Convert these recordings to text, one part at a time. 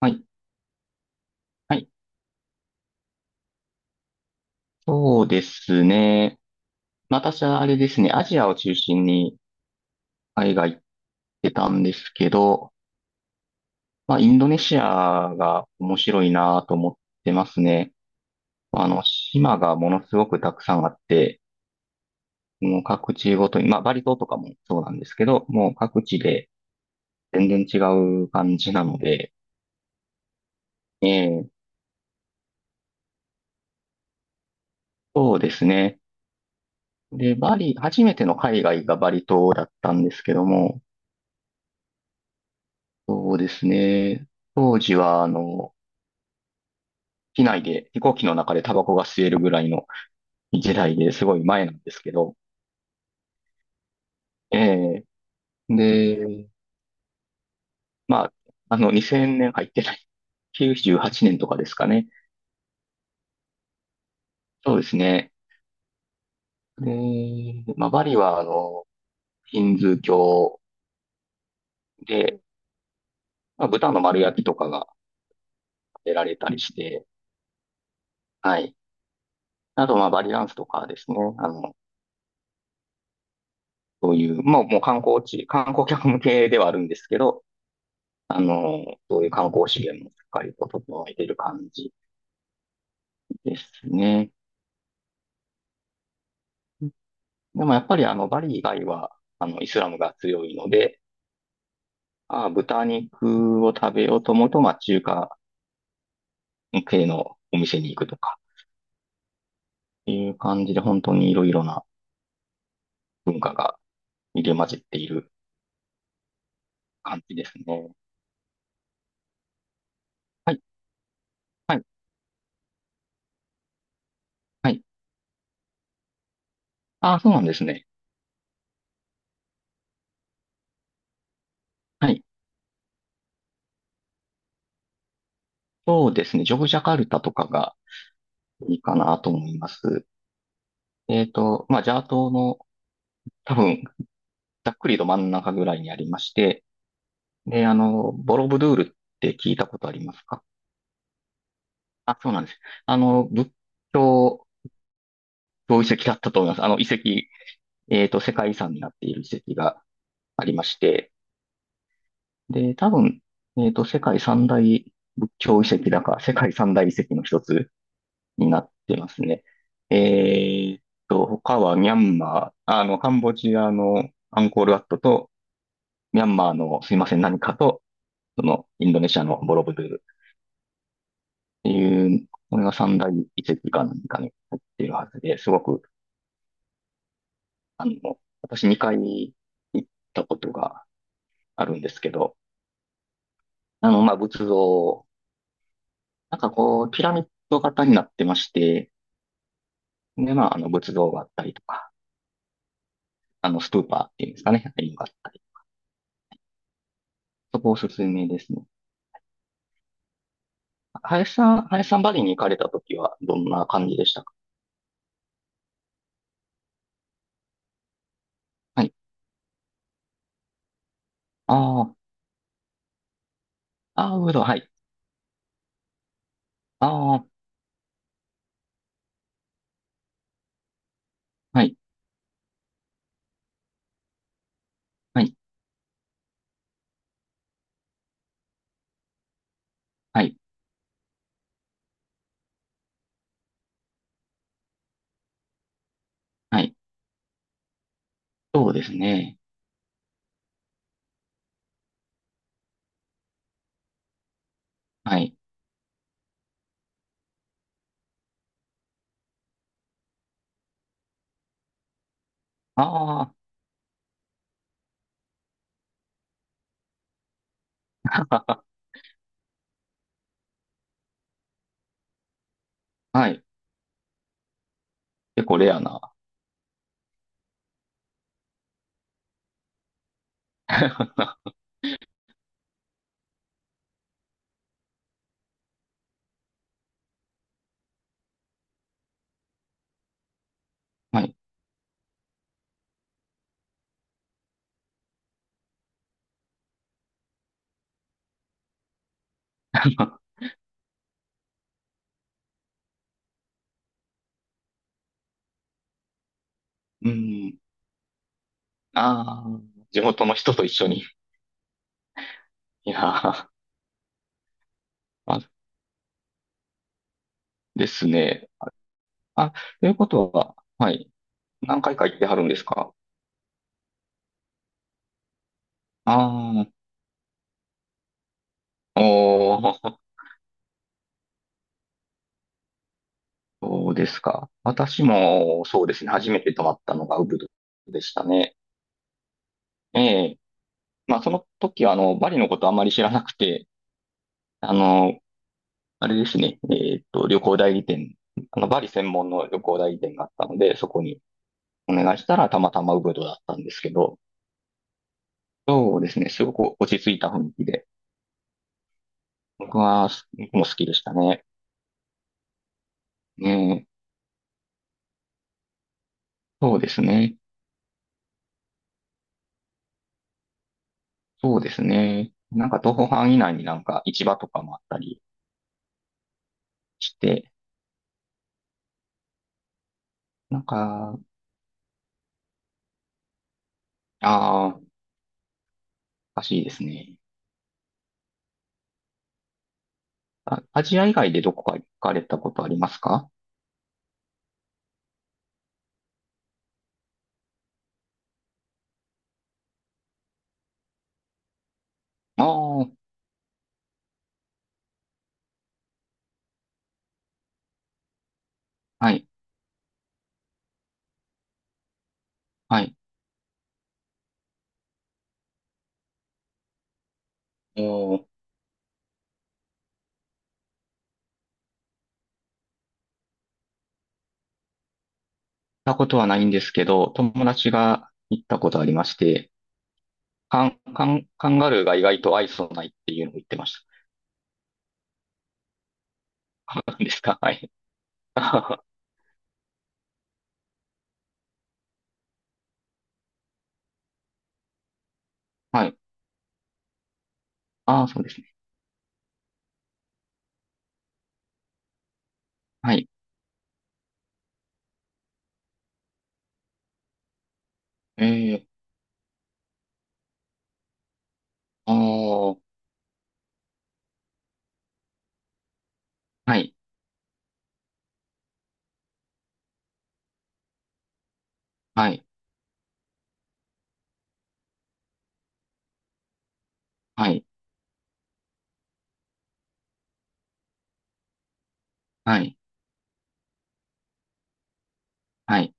はい。はい。そうですね。まあ私はあれですね、アジアを中心に海外行ってたんですけど、まあ、インドネシアが面白いなと思ってますね。まあの、島がものすごくたくさんあって、もう各地ごとに、まあ、バリ島とかもそうなんですけど、もう各地で全然違う感じなので、ええ、そうですね。で、バリ、初めての海外がバリ島だったんですけども、そうですね。当時は、あの、機内で、飛行機の中でタバコが吸えるぐらいの時代ですごい前なんですけど、えで、まあ、あの、2000年入ってない。98年とかですかね。そうですね。で、まあ、バリは、あの、ヒンズー教で、まあ、豚の丸焼きとかが出られたりして、はい。あと、まあ、バリダンスとかですね。あの、そういう、もう観光地、観光客向けではあるんですけど、あの、そういう観光資源もしっかりと整えている感じですね。でもやっぱりあの、バリ以外は、あの、イスラムが強いので、ああ、豚肉を食べようと思うと、まあ、中華系のお店に行くとか、っていう感じで、本当にいろいろな文化が入り混じっている感じですね。はい、はい、はい。ああ、そうなんですね。はい。そうですね。ジョグジャカルタとかがいいかなと思います。まあ、ジャワ島の多分、ざっくりと真ん中ぐらいにありまして、で、あの、ボロブドゥールって聞いたことありますか？あ、そうなんです。あの、仏教の遺跡だったと思います。あの、遺跡、世界遺産になっている遺跡がありまして、で、多分、世界三大仏教遺跡だか、世界三大遺跡の一つになってますね。えっ他はミャンマー、あの、カンボジアのアンコールワットと、ミャンマーのすいません、何かと、その、インドネシアのボロブドゥールっていう、これが三大遺跡か何かに入っているはずで、すごくあの、私2回に行ったことがあるんですけど、あの、まあ、仏像、なんかこう、ピラミッド型になってまして、で、まあ、あの、仏像があったりとか、あの、ストゥーパーっていうんですかね、ああいうのがあったり。そこおすすめですね。林さん、バリに行かれた時はどんな感じでしたか？はい。ああ、ああ、ウード、はい。ああ、はい、はい、はい、はい。そうですね。はい。ああ、はい。結構レアな。はい。うん。ああ、地元の人と一緒に。いやー、まあ、ですね。あ、ということは、はい。何回か行ってはるんですか？ああー、おー、そうですか。私も、そうですね。初めて泊まったのがウブドでしたね。ええ。まあ、その時は、あの、バリのことあまり知らなくて、あの、あれですね。旅行代理店、あの、バリ専門の旅行代理店があったので、そこにお願いしたら、たまたまウブドだったんですけど、そうですね。すごく落ち着いた雰囲気で。僕は、僕も好きでしたね。ねえ。そうですね。そうですね。なんか、徒歩範囲内になんか市場とかもあったりして、なんか、ああ、おかしいですね。あ、アジア以外でどこか行かれたことありますか？ああー、はい、はい。行ったことはないんですけど、友達が行ったことありまして、カンガルーが意外と愛想ないっていうのを言ってました。そうなんですか？はい。はい。ああ、そうですね。はい。ええ、ああ、はい、はい、はい、はい、はい。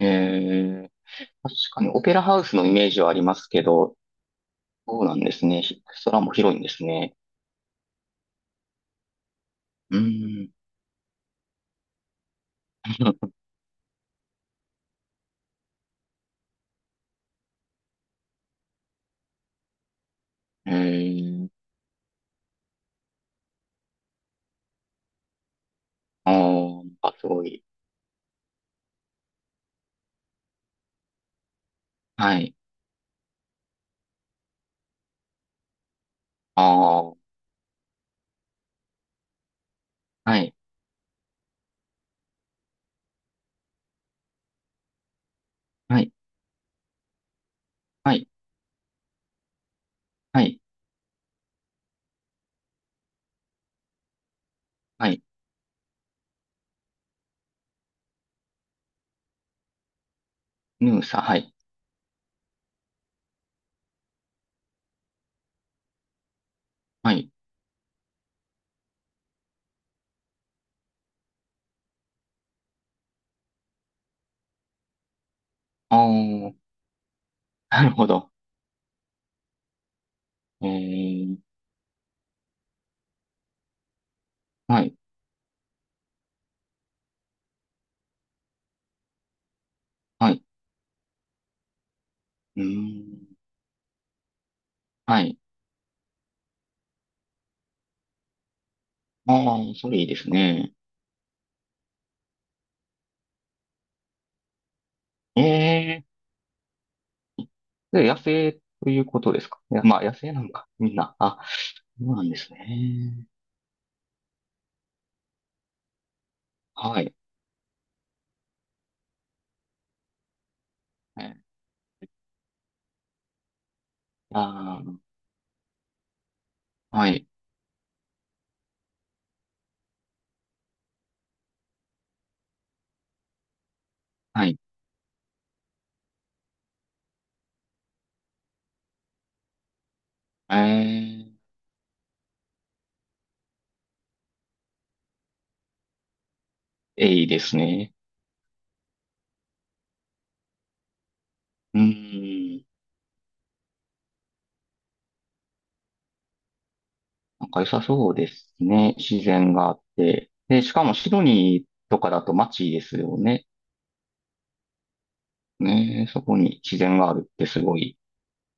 ええ、確かにオペラハウスのイメージはありますけど、そうなんですね。ひ空も広いんですね。うん。ええ、ああ、なんかすごい。はい、ああ、はい、はい、はい、はい、はい、ヌーサ、はい、はい、ああ、なるほど。ええ、はい、はい、うん、はい、ああ、それいいですね。ええ、で、野生ということですか？いや、まあ、野生なのか、みんな。あ、そうなんですね。はい。えーあー、はい。はい。えー、いいですね。うーん。なんか良さそうですね。自然があって。で、しかもシドニーとかだと街ですよね。ね、そこに自然があるってすごい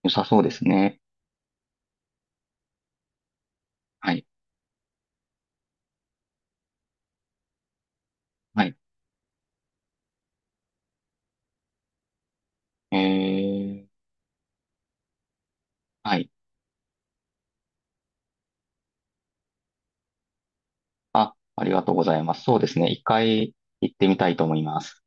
良さそうですね。はい。はい。えー、はい。あ、ありがとうございます。そうですね。一回行ってみたいと思います。